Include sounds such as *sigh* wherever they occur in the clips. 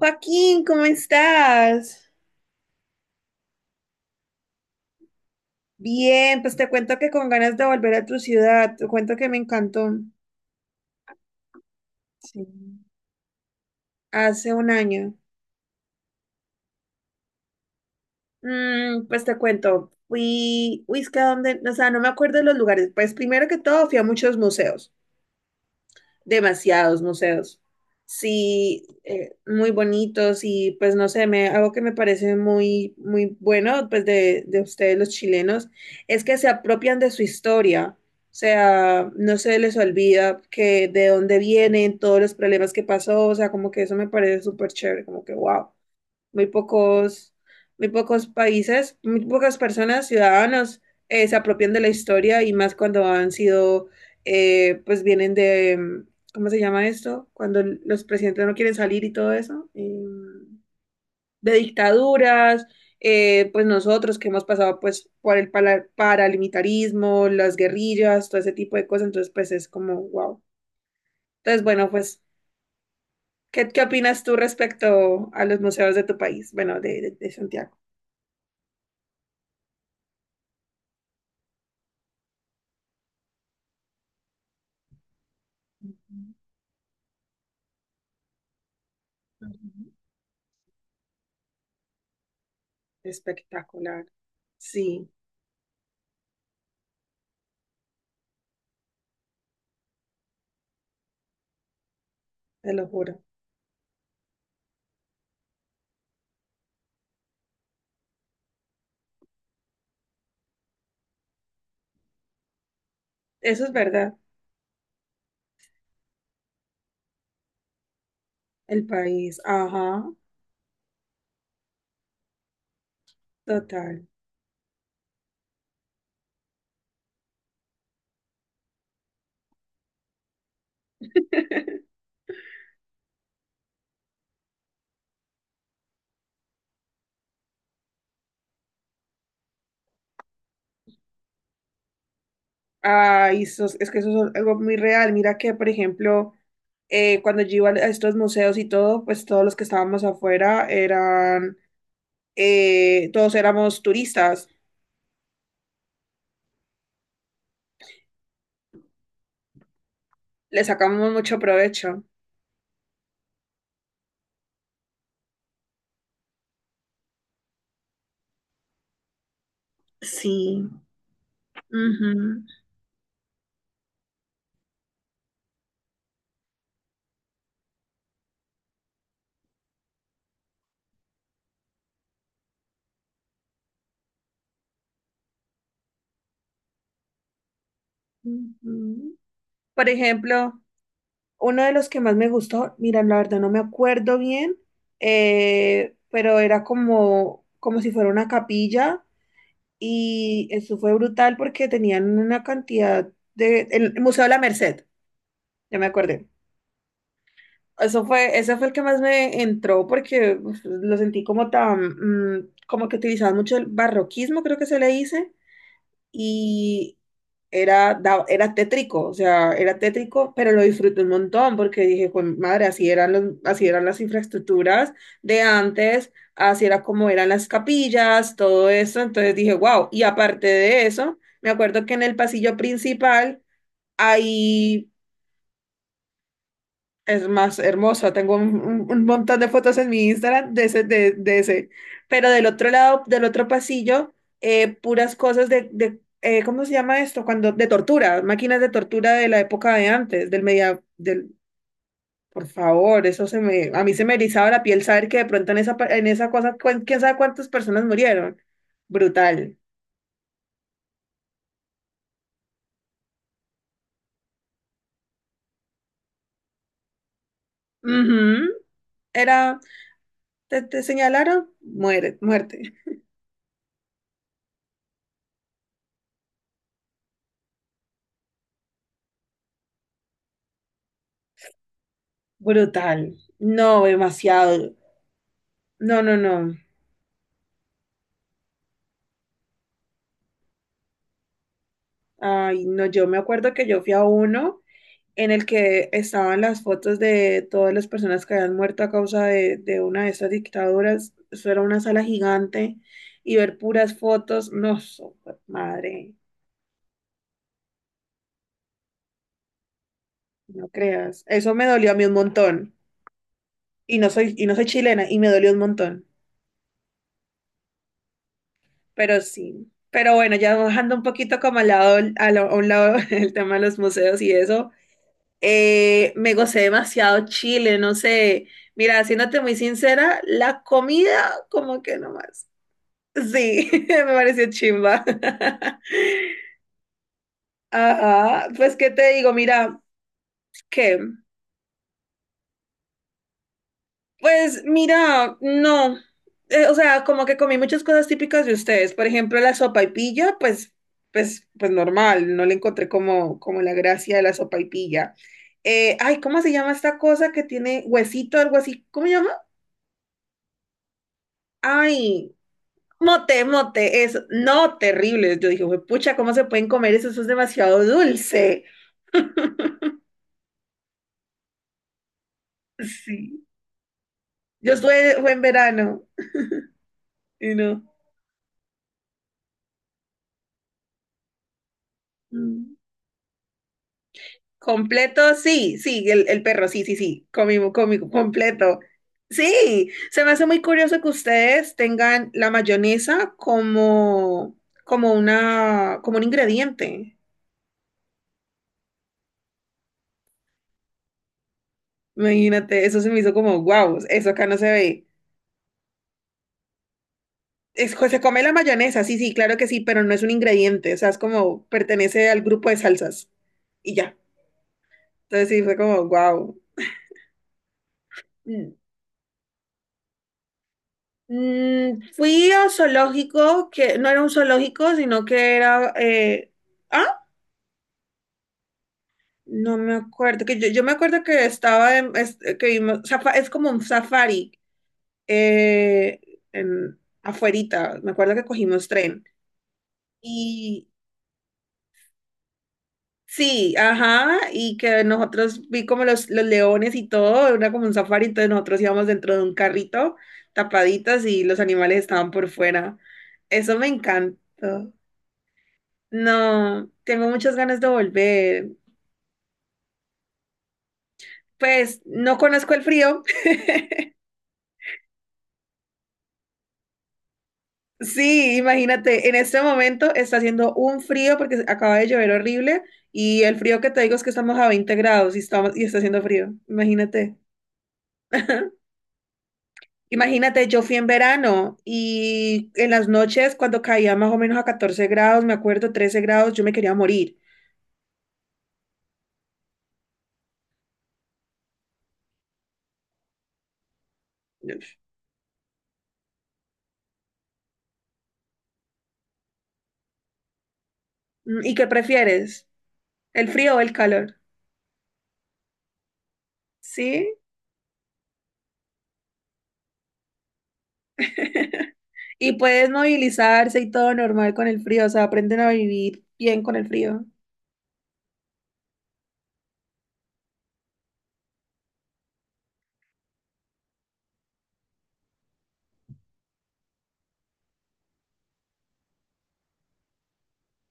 Joaquín, ¿cómo estás? Bien, pues te cuento que con ganas de volver a tu ciudad, te cuento que me encantó. Sí, hace un año. Pues te cuento, fui, uy, es que a dónde, o sea, no me acuerdo de los lugares. Pues primero que todo fui a muchos museos. Demasiados museos. Sí, muy bonitos y pues no sé, me, algo que me parece muy, muy bueno pues de ustedes los chilenos es que se apropian de su historia. O sea, no se les olvida que de dónde vienen todos los problemas que pasó, o sea, como que eso me parece súper chévere, como que wow. Muy pocos, muy pocos países, muy pocas personas, ciudadanos, se apropian de la historia y más cuando han sido, pues vienen de, ¿cómo se llama esto? Cuando los presidentes no quieren salir y todo eso, de dictaduras, pues nosotros que hemos pasado pues por el paramilitarismo, las guerrillas, todo ese tipo de cosas, entonces pues es como, wow. Entonces, bueno, pues, ¿qué opinas tú respecto a los museos de tu país? Bueno, de, de Santiago. Ujú. Espectacular. Sí, te lo juro. Eso es verdad. El país. Ajá, total. *laughs* Ay, eso es que eso es algo muy real. Mira que, por ejemplo, cuando yo iba a estos museos y todo, pues todos los que estábamos afuera eran, todos éramos turistas. Le sacamos mucho provecho. Sí. Ujú, ujú. Por ejemplo, uno de los que más me gustó, mira, la verdad no me acuerdo bien, pero era como, como si fuera una capilla y eso fue brutal porque tenían una cantidad de... El Museo de la Merced, ya me acordé. Eso fue, ese fue el que más me entró porque uf, lo sentí como tan, como que utilizaban mucho el barroquismo, creo que se le dice. Y era, era tétrico, o sea, era tétrico, pero lo disfruté un montón porque dije, pues madre, así eran los, así eran las infraestructuras de antes, así era como eran las capillas, todo eso, entonces dije, wow, y aparte de eso, me acuerdo que en el pasillo principal hay es más hermosa, tengo un, un montón de fotos en mi Instagram de ese, de ese. Pero del otro lado, del otro pasillo, puras cosas de ¿cómo se llama esto? Cuando, de tortura, máquinas de tortura de la época de antes, del media, del, por favor, eso se me, a mí se me erizaba la piel saber que de pronto en esa, en esa cosa, quién sabe cuántas personas murieron. Brutal. Ujú. Era, te señalaron, muere, muerte. Brutal. No, demasiado. No, no, no. Ay, no, yo me acuerdo que yo fui a uno en el que estaban las fotos de todas las personas que habían muerto a causa de una de esas dictaduras. Eso era una sala gigante y ver puras fotos, no, so- madre, no creas. Eso me dolió a mí un montón. Y no soy chilena y me dolió un montón. Pero sí. Pero bueno, ya bajando un poquito como al lado, a, lo- a un lado *laughs* el tema de los museos y eso. Me gocé demasiado Chile, no sé. Mira, siéndote muy sincera, la comida, como que nomás. Sí, *laughs* me pareció chimba. *laughs* Ajá, pues qué te digo, mira, ¿qué? Pues mira, no. O sea, como que comí muchas cosas típicas de ustedes. Por ejemplo, la sopaipilla, pues, pues, pues normal, no le encontré como, como la gracia de la sopaipilla. Ay, ¿cómo se llama esta cosa que tiene huesito, algo así? ¿Cómo se llama? Ay. Mote, mote, es no terrible. Yo dije: "Jue pucha, ¿cómo se pueden comer eso? Eso es demasiado dulce". Sí. Yo estuve, fue en verano y no. Mm. Completo, sí, sí, el perro, sí, sí, sí, comimos, comimos, completo. Sí, se me hace muy curioso que ustedes tengan la mayonesa como, como una, como un ingrediente. Imagínate, eso se me hizo como, wow, eso acá no se ve. Es, se come la mayonesa, sí, sí, claro que sí, pero no es un ingrediente, o sea, es como pertenece al grupo de salsas y ya. Entonces sí, fue como, wow. Fui a zoológico, que no era un zoológico, sino que era... ah, no me acuerdo, que yo me acuerdo que estaba en... que vimos, es como un safari eh, en, afuerita, me acuerdo que cogimos tren. Sí, ajá, y que nosotros vi como los leones y todo, era como un safari, entonces nosotros íbamos dentro de un carrito tapaditas y los animales estaban por fuera. Eso me encantó. No, tengo muchas ganas de volver. Pues no conozco el frío. *laughs* Sí, imagínate, en este momento está haciendo un frío porque acaba de llover horrible y el frío que te digo es que estamos a 20 grados y estamos y está haciendo frío. Imagínate. *laughs* Imagínate, yo fui en verano y en las noches cuando caía más o menos a 14 grados, me acuerdo, 13 grados, yo me quería morir. ¿Y qué prefieres? ¿El frío o el calor? ¿Sí? Y puedes movilizarse y todo normal con el frío, o sea, aprenden a vivir bien con el frío.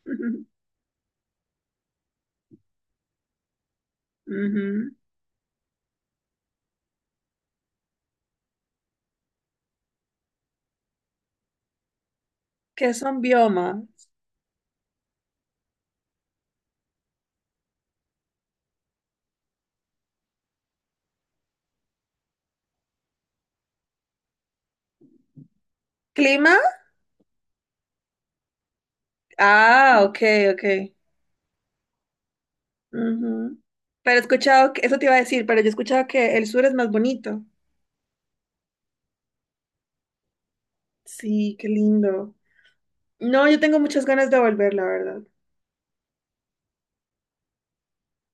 *laughs* Ujú. ¿Qué son biomas? ¿Clima? Ah, ok, ok. Ujú. Pero he escuchado, que, eso te iba a decir, pero yo he escuchado que el sur es más bonito. Sí, qué lindo. No, yo tengo muchas ganas de volver, la verdad.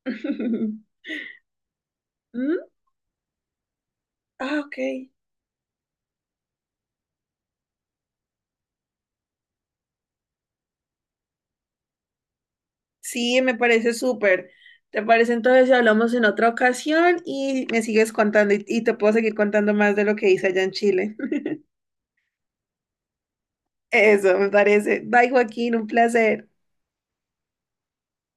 *laughs* ¿Mm? Ah, ok. Sí, me parece súper. ¿Te parece entonces si hablamos en otra ocasión y me sigues contando y te puedo seguir contando más de lo que hice allá en Chile? *laughs* Eso, me parece. Bye, Joaquín, un placer.